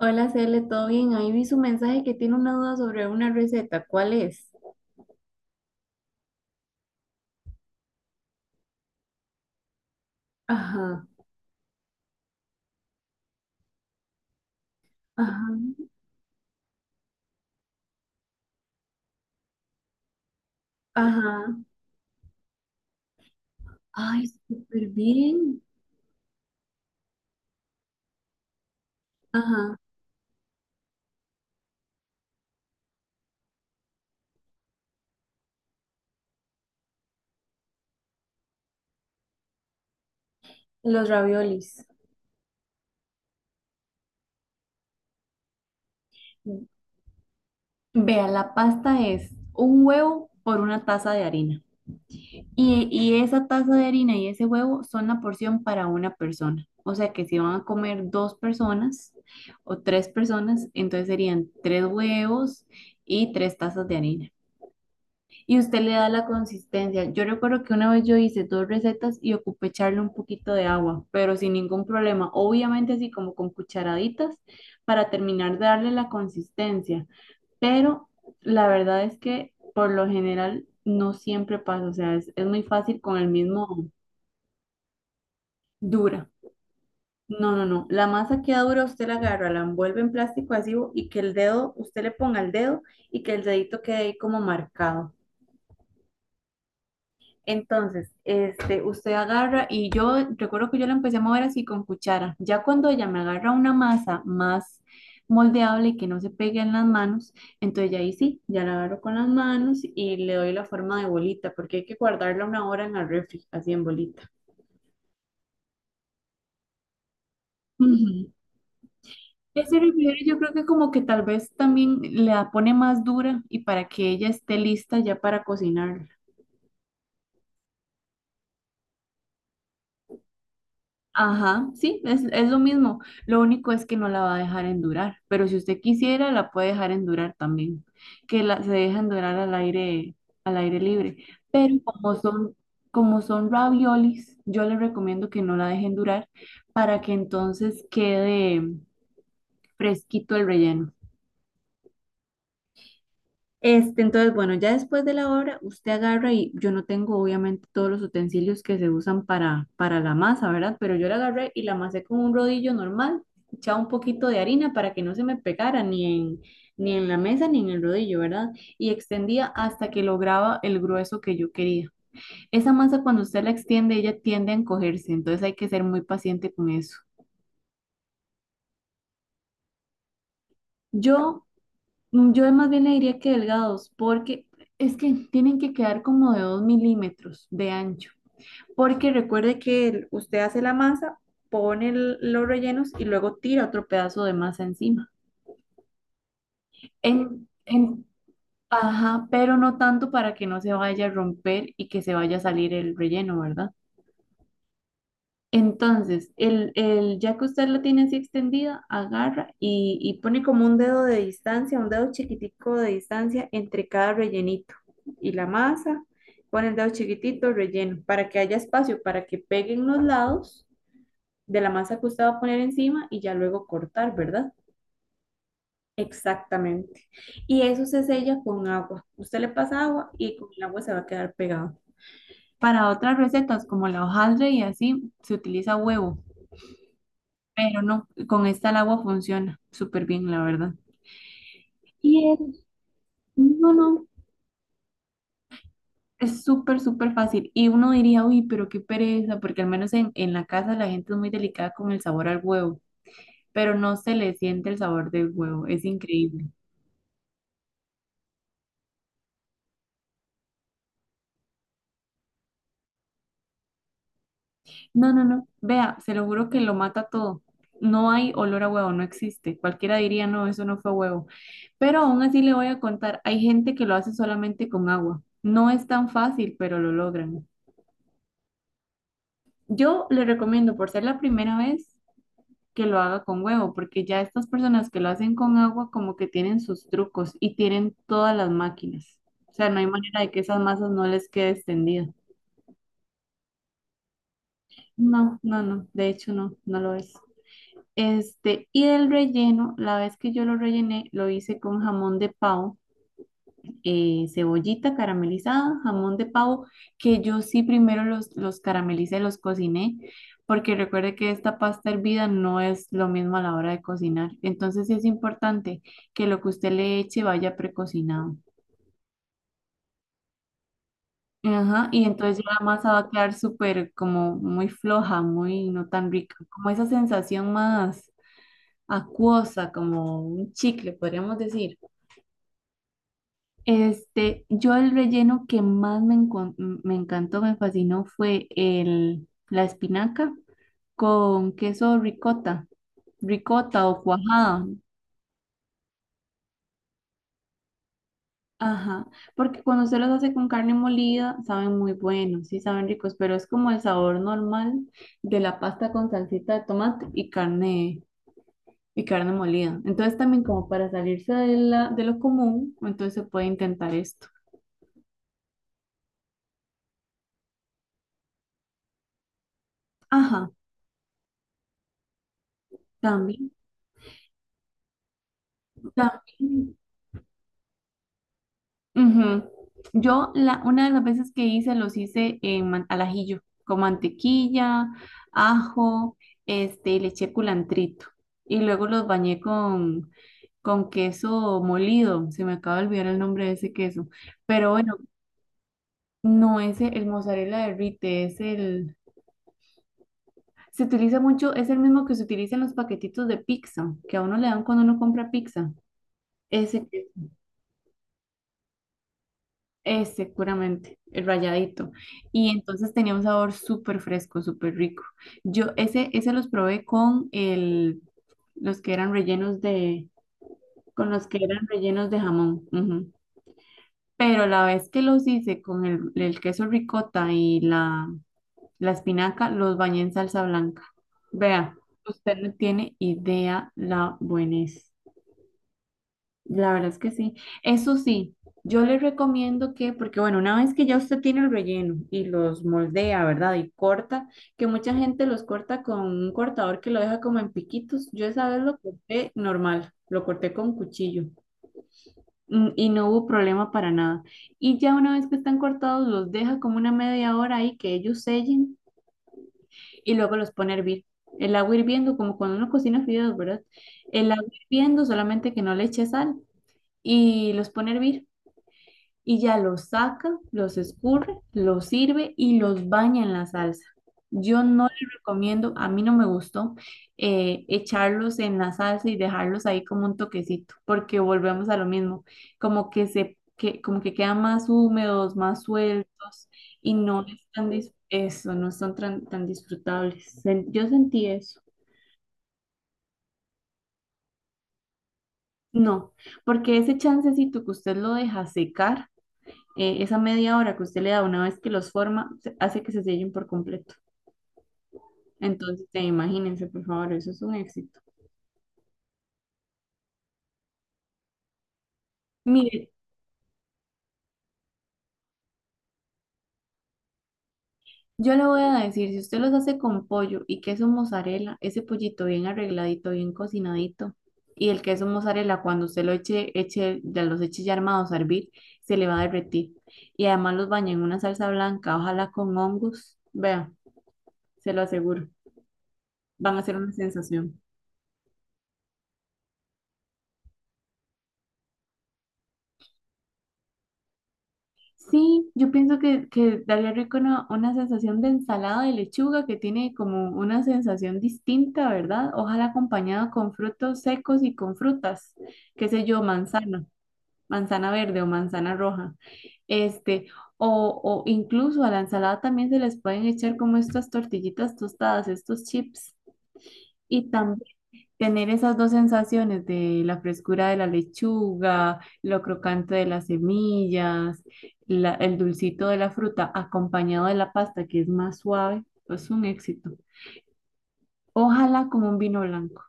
Hola, Cele, ¿todo bien? Ahí vi su mensaje que tiene una duda sobre una receta. ¿Cuál es? Ajá, ajá, ajá. Ay, súper bien. Ajá, los raviolis. Vea, la pasta es un huevo por una taza de harina. Y esa taza de harina y ese huevo son la porción para una persona. O sea que si van a comer dos personas o tres personas, entonces serían tres huevos y tres tazas de harina. Y usted le da la consistencia. Yo recuerdo que una vez yo hice dos recetas y ocupé echarle un poquito de agua, pero sin ningún problema. Obviamente así como con cucharaditas para terminar de darle la consistencia. Pero la verdad es que por lo general no siempre pasa. O sea, es muy fácil con el mismo dura. No, no, no. La masa queda dura, usted la agarra, la envuelve en plástico adhesivo y que el dedo, usted le ponga el dedo y que el dedito quede ahí como marcado. Entonces, este, usted agarra y yo recuerdo que yo la empecé a mover así con cuchara. Ya cuando ella me agarra una masa más moldeable y que no se pegue en las manos, entonces ya ahí sí, ya la agarro con las manos y le doy la forma de bolita, porque hay que guardarla una hora en el refri, así en bolita. Ujú. Ese refrigerio yo creo que como que tal vez también la pone más dura y para que ella esté lista ya para cocinar. Ajá, sí, es lo mismo. Lo único es que no la va a dejar endurar, pero si usted quisiera, la puede dejar endurar también, que se deja endurar al aire libre. Pero como son raviolis, yo le recomiendo que no la deje endurar para que entonces quede fresquito el relleno. Este, entonces, bueno, ya después de la obra, usted agarra y yo no tengo obviamente todos los utensilios que se usan para la masa, ¿verdad? Pero yo la agarré y la amasé con un rodillo normal, echaba un poquito de harina para que no se me pegara ni en la mesa ni en el rodillo, ¿verdad? Y extendía hasta que lograba el grueso que yo quería. Esa masa cuando usted la extiende, ella tiende a encogerse, entonces hay que ser muy paciente con eso. Yo Yo más bien le diría que delgados, porque es que tienen que quedar como de 2 milímetros de ancho. Porque recuerde que usted hace la masa, pone los rellenos y luego tira otro pedazo de masa encima. En, en, ajá, pero no tanto para que no se vaya a romper y que se vaya a salir el relleno, ¿verdad? Entonces, ya que usted lo tiene así extendida, agarra y pone como un dedo de distancia, un dedo chiquitico de distancia entre cada rellenito y la masa. Pone el dedo chiquitito, relleno, para que haya espacio, para que peguen los lados de la masa que usted va a poner encima y ya luego cortar, ¿verdad? Exactamente. Y eso se sella con agua. Usted le pasa agua y con el agua se va a quedar pegado. Para otras recetas como la hojaldre y así, se utiliza huevo. Pero no, con esta el agua funciona súper bien, la verdad. Y es no, no. Es súper, súper fácil. Y uno diría, uy, pero qué pereza, porque al menos en la casa la gente es muy delicada con el sabor al huevo, pero no se le siente el sabor del huevo, es increíble. No, no, no, vea, se lo juro que lo mata todo. No hay olor a huevo, no existe. Cualquiera diría, no, eso no fue huevo. Pero aún así le voy a contar, hay gente que lo hace solamente con agua. No es tan fácil, pero lo logran. Yo le recomiendo, por ser la primera vez, que lo haga con huevo, porque ya estas personas que lo hacen con agua como que tienen sus trucos y tienen todas las máquinas. O sea, no hay manera de que esas masas no les quede extendida. No, no, no, de hecho no, no lo es. Este, y el relleno, la vez que yo lo rellené, lo hice con jamón de pavo, cebollita caramelizada, jamón de pavo, que yo sí primero los caramelicé, los cociné, porque recuerde que esta pasta hervida no es lo mismo a la hora de cocinar. Entonces sí es importante que lo que usted le eche vaya precocinado. Ajá, y entonces ya la masa va a quedar súper como muy floja, muy no tan rica, como esa sensación más acuosa, como un chicle, podríamos decir. Este, yo el relleno que más me encantó, me fascinó fue la espinaca con queso ricota, ricota o cuajada. Ajá, porque cuando se los hace con carne molida, saben muy buenos, sí saben ricos, pero es como el sabor normal de la pasta con salsita de tomate y carne molida. Entonces también como para salirse de la, de lo común, entonces se puede intentar esto. Ajá, también, también. Ujú. Yo la, una de las veces que hice los hice en al ajillo, con mantequilla, ajo, este, le eché culantrito y luego los bañé con queso molido, se me acaba de olvidar el nombre de ese queso, pero bueno, no es el mozzarella derrite, es se utiliza mucho, es el mismo que se utiliza en los paquetitos de pizza, que a uno le dan cuando uno compra pizza, ese queso. Eh, seguramente, el rayadito. Y entonces tenía un sabor súper fresco, súper rico. Yo ese los probé con el, los que eran rellenos de, con los que eran rellenos de jamón. Ujú. Pero la vez que los hice con el queso ricota y la espinaca, los bañé en salsa blanca. Vea, usted no tiene idea la buenez. La verdad es que sí. Eso sí, yo le recomiendo que, porque bueno, una vez que ya usted tiene el relleno y los moldea, ¿verdad? Y corta, que mucha gente los corta con un cortador que lo deja como en piquitos. Yo esa vez lo corté normal, lo corté con cuchillo, mm, y no hubo problema para nada. Y ya una vez que están cortados, los deja como una media hora ahí que ellos sellen y luego los pone a hervir. El agua hirviendo, como cuando uno cocina fideos, ¿verdad? El agua hirviendo, solamente que no le eche sal y los pone a hervir. Y ya los saca, los escurre, los sirve y los baña en la salsa. Yo no le recomiendo, a mí no me gustó, echarlos en la salsa y dejarlos ahí como un toquecito, porque volvemos a lo mismo, como que como que quedan más húmedos, más sueltos y no están eso, no son tan, tan disfrutables. Yo sentí eso. No, porque ese chancecito que usted lo deja secar, esa media hora que usted le da una vez que los forma, hace que se sellen por completo. Entonces, imagínense, por favor, eso es un éxito. Mire, yo le voy a decir, si usted los hace con pollo y queso mozzarella, ese pollito bien arregladito, bien cocinadito, y el queso mozzarella, cuando usted lo ya los eche ya armados a hervir, se le va a derretir. Y además los baña en una salsa blanca, ojalá con hongos. Vea, se lo aseguro, van a ser una sensación. Sí, yo pienso que daría rico una, sensación de ensalada de lechuga que tiene como una sensación distinta, ¿verdad? Ojalá acompañada con frutos secos y con frutas, qué sé yo, manzana, manzana verde o manzana roja. Este, o incluso a la ensalada también se les pueden echar como estas tortillitas tostadas, estos chips. Y tener esas dos sensaciones de la frescura de la lechuga, lo crocante de las semillas, el dulcito de la fruta acompañado de la pasta que es más suave, es un éxito. Ojalá como un vino blanco.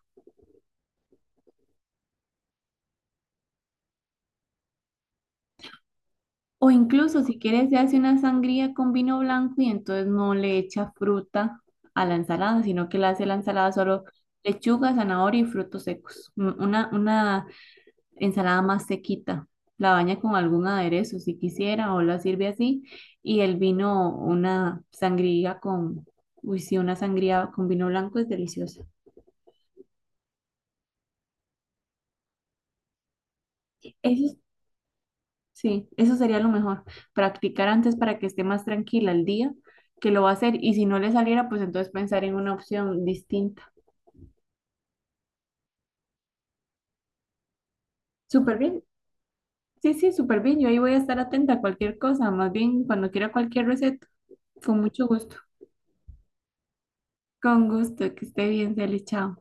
O incluso si quieres se hace una sangría con vino blanco y entonces no le echa fruta a la ensalada, sino que le hace la ensalada solo lechuga, zanahoria y frutos secos. Una ensalada más sequita. La baña con algún aderezo si quisiera o la sirve así. Y el vino, una sangría con, uy, sí, una sangría con vino blanco es deliciosa. Eso, es- sí, eso sería lo mejor. Practicar antes para que esté más tranquila el día que lo va a hacer. Y si no le saliera, pues entonces pensar en una opción distinta. Súper bien. Sí, sí, súper bien. Yo ahí voy a estar atenta a cualquier cosa. Más bien, cuando quiera cualquier receta, con mucho gusto. Con gusto, que esté bien, Cele, chao.